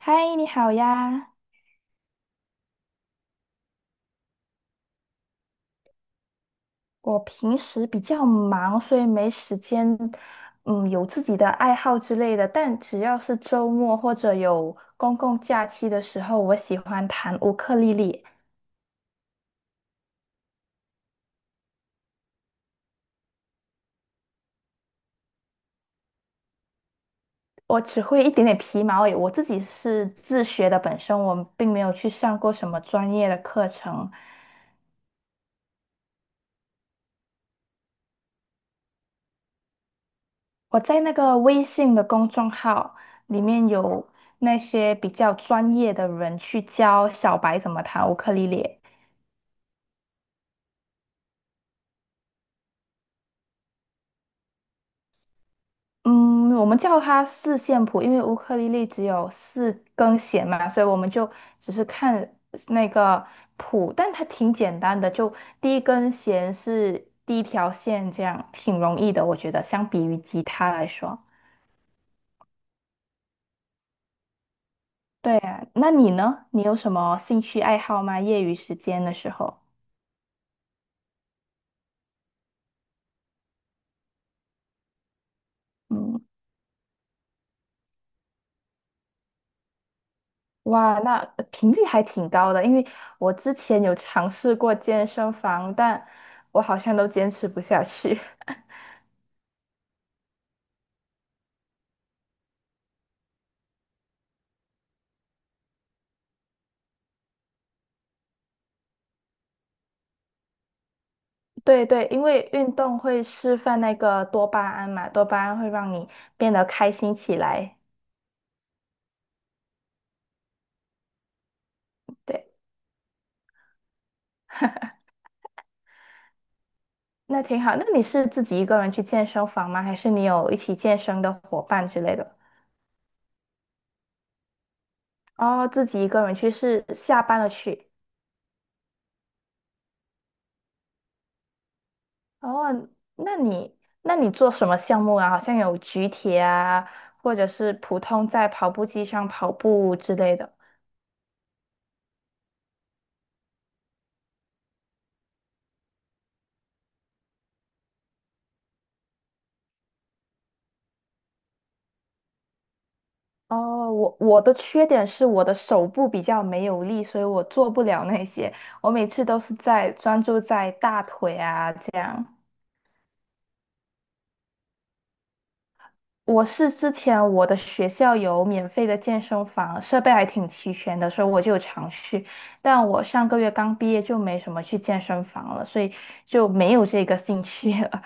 嗨，你好呀！我平时比较忙，所以没时间，有自己的爱好之类的。但只要是周末或者有公共假期的时候，我喜欢弹乌克丽丽。我只会一点点皮毛而已，我自己是自学的，本身我并没有去上过什么专业的课程。我在那个微信的公众号里面有那些比较专业的人去教小白怎么弹乌克丽丽。嗯，我们叫它四线谱，因为乌克丽丽只有四根弦嘛，所以我们就只是看那个谱，但它挺简单的，就第一根弦是第一条线，这样挺容易的，我觉得相比于吉他来说。对啊，那你呢？你有什么兴趣爱好吗？业余时间的时候？嗯，哇，那频率还挺高的，因为我之前有尝试过健身房，但我好像都坚持不下去。对对，因为运动会释放那个多巴胺嘛，多巴胺会让你变得开心起来。对，那挺好。那你是自己一个人去健身房吗？还是你有一起健身的伙伴之类的？哦，自己一个人去是下班了去。哦，那你那你做什么项目啊？好像有举铁啊，或者是普通在跑步机上跑步之类的。哦，我的缺点是我的手部比较没有力，所以我做不了那些。我每次都是在专注在大腿啊这样。我是之前我的学校有免费的健身房，设备还挺齐全的，所以我就有常去。但我上个月刚毕业就没什么去健身房了，所以就没有这个兴趣了。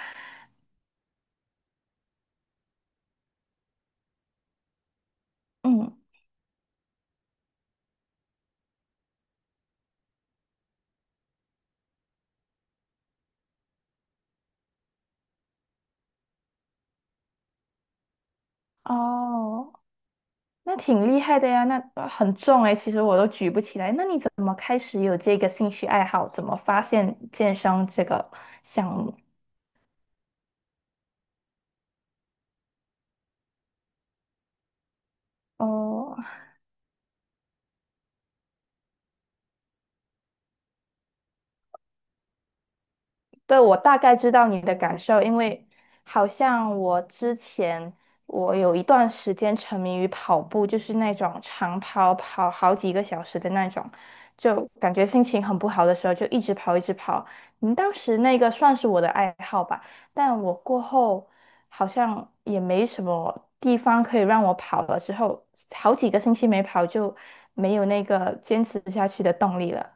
嗯，哦。那挺厉害的呀，那很重诶，其实我都举不起来。那你怎么开始有这个兴趣爱好？怎么发现健身这个项目？哦，对，我大概知道你的感受，因为好像我之前有一段时间沉迷于跑步，就是那种长跑，跑好几个小时的那种，就感觉心情很不好的时候就一直跑，一直跑。嗯，当时那个算是我的爱好吧，但我过后好像也没什么地方可以让我跑了，之后好几个星期没跑就没有那个坚持下去的动力了。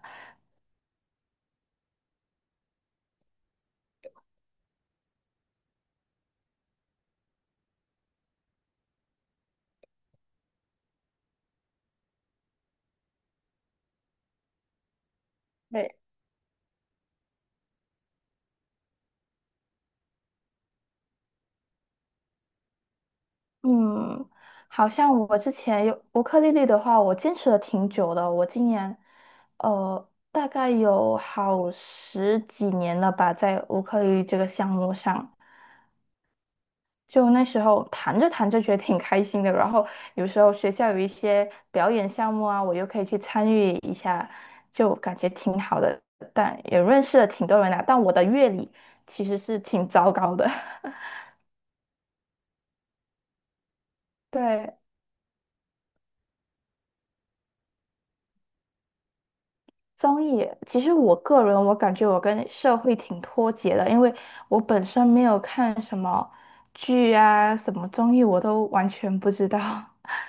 对。嗯，好像我之前有乌克丽丽的话，我坚持了挺久的。我今年，大概有好十几年了吧，在乌克丽丽这个项目上。就那时候弹着弹着觉得挺开心的，然后有时候学校有一些表演项目啊，我又可以去参与一下，就感觉挺好的。但也认识了挺多人的，但我的乐理其实是挺糟糕的。对，综艺，其实我个人我感觉我跟社会挺脱节的，因为我本身没有看什么剧啊，什么综艺我都完全不知道。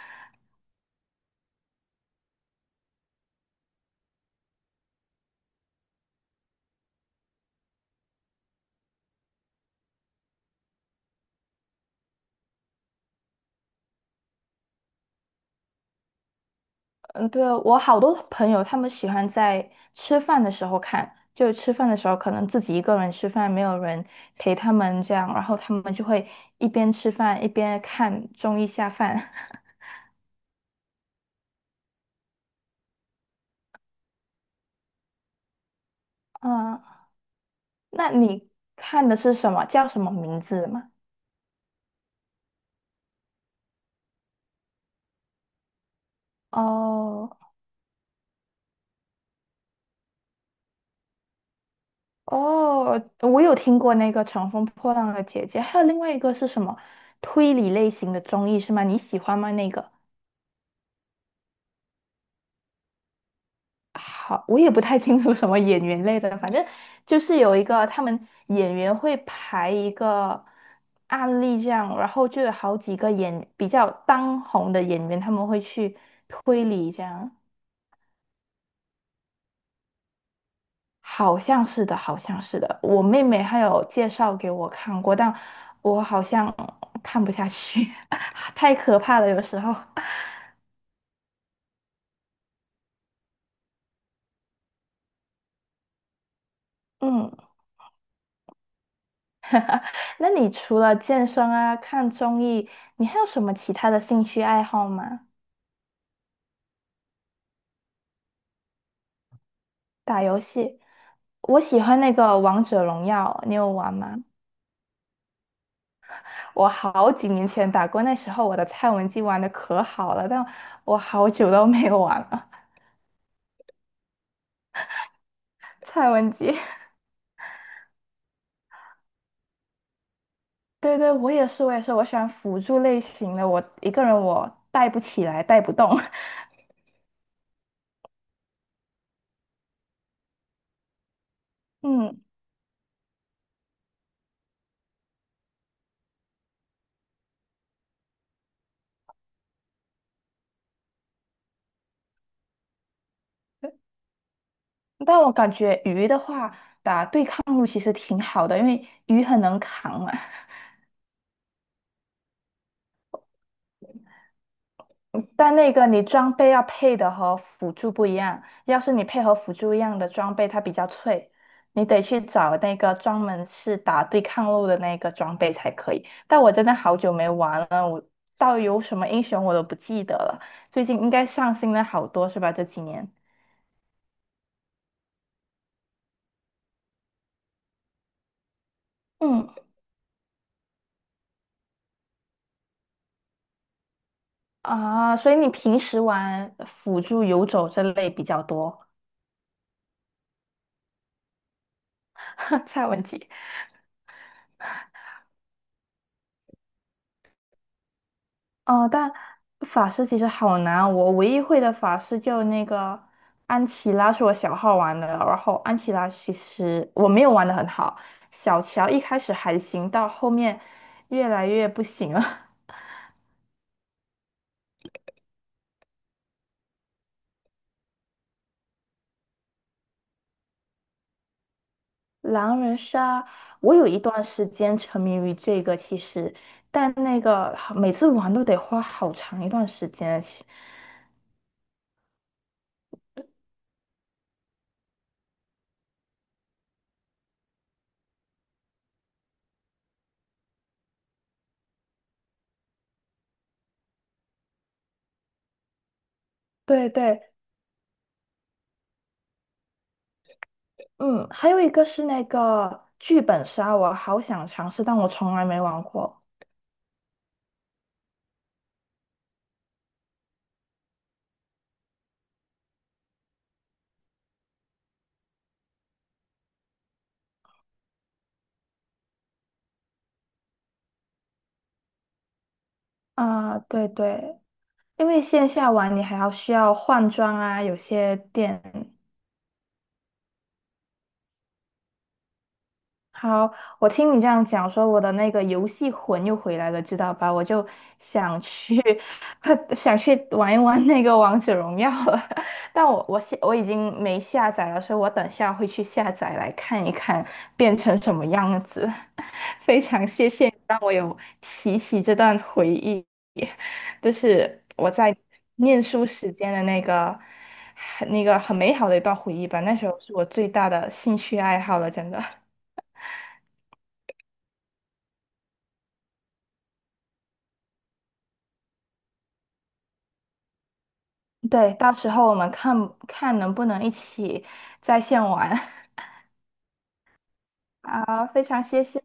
嗯，对啊，我好多朋友他们喜欢在吃饭的时候看，就吃饭的时候可能自己一个人吃饭，没有人陪他们这样，然后他们就会一边吃饭一边看综艺下饭。嗯，那你看的是什么？叫什么名字吗？哦。哦，我有听过那个《乘风破浪的姐姐》，还有另外一个是什么推理类型的综艺是吗？你喜欢吗？那个好，我也不太清楚什么演员类的，反正就是有一个他们演员会排一个案例这样，然后就有好几个演比较当红的演员，他们会去推理这样。好像是的，好像是的。我妹妹她有介绍给我看过，但我好像看不下去，太可怕了，有时候。嗯，那你除了健身啊、看综艺，你还有什么其他的兴趣爱好吗？打游戏，我喜欢那个王者荣耀，你有玩吗？我好几年前打过，那时候我的蔡文姬玩的可好了，但我好久都没有玩了。蔡文姬，对对，我也是，我也是，我喜欢辅助类型的，我一个人我带不起来，带不动。嗯，但我感觉鱼的话，打对抗路其实挺好的，因为鱼很能扛嘛。但那个你装备要配的和辅助不一样，要是你配合辅助一样的装备，它比较脆，你得去找那个专门是打对抗路的那个装备才可以。但我真的好久没玩了，我到底有什么英雄我都不记得了。最近应该上新了好多是吧？这几年。嗯，啊，所以你平时玩辅助游走这类比较多，蔡文姬。哦，但法师其实好难啊，我唯一会的法师就那个安琪拉是我小号玩的，然后安琪拉其实我没有玩的很好，小乔一开始还行，到后面越来越不行了。狼人杀，我有一段时间沉迷于这个，其实，但那个每次玩都得花好长一段时间。其对对，嗯，还有一个是那个剧本杀，我好想尝试，但我从来没玩过。啊，对对，因为线下玩你还要需要换装啊，有些店。好，我听你这样讲，说我的那个游戏魂又回来了，知道吧？我就想去，想去玩一玩那个王者荣耀了。但我已经没下载了，所以我等下会去下载来看一看变成什么样子。非常谢谢你让我有提起这段回忆，就是我在念书时间的那个很美好的一段回忆吧。那时候是我最大的兴趣爱好了，真的。对，到时候我们看看能不能一起在线玩。好，非常谢谢，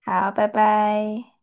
好，拜拜。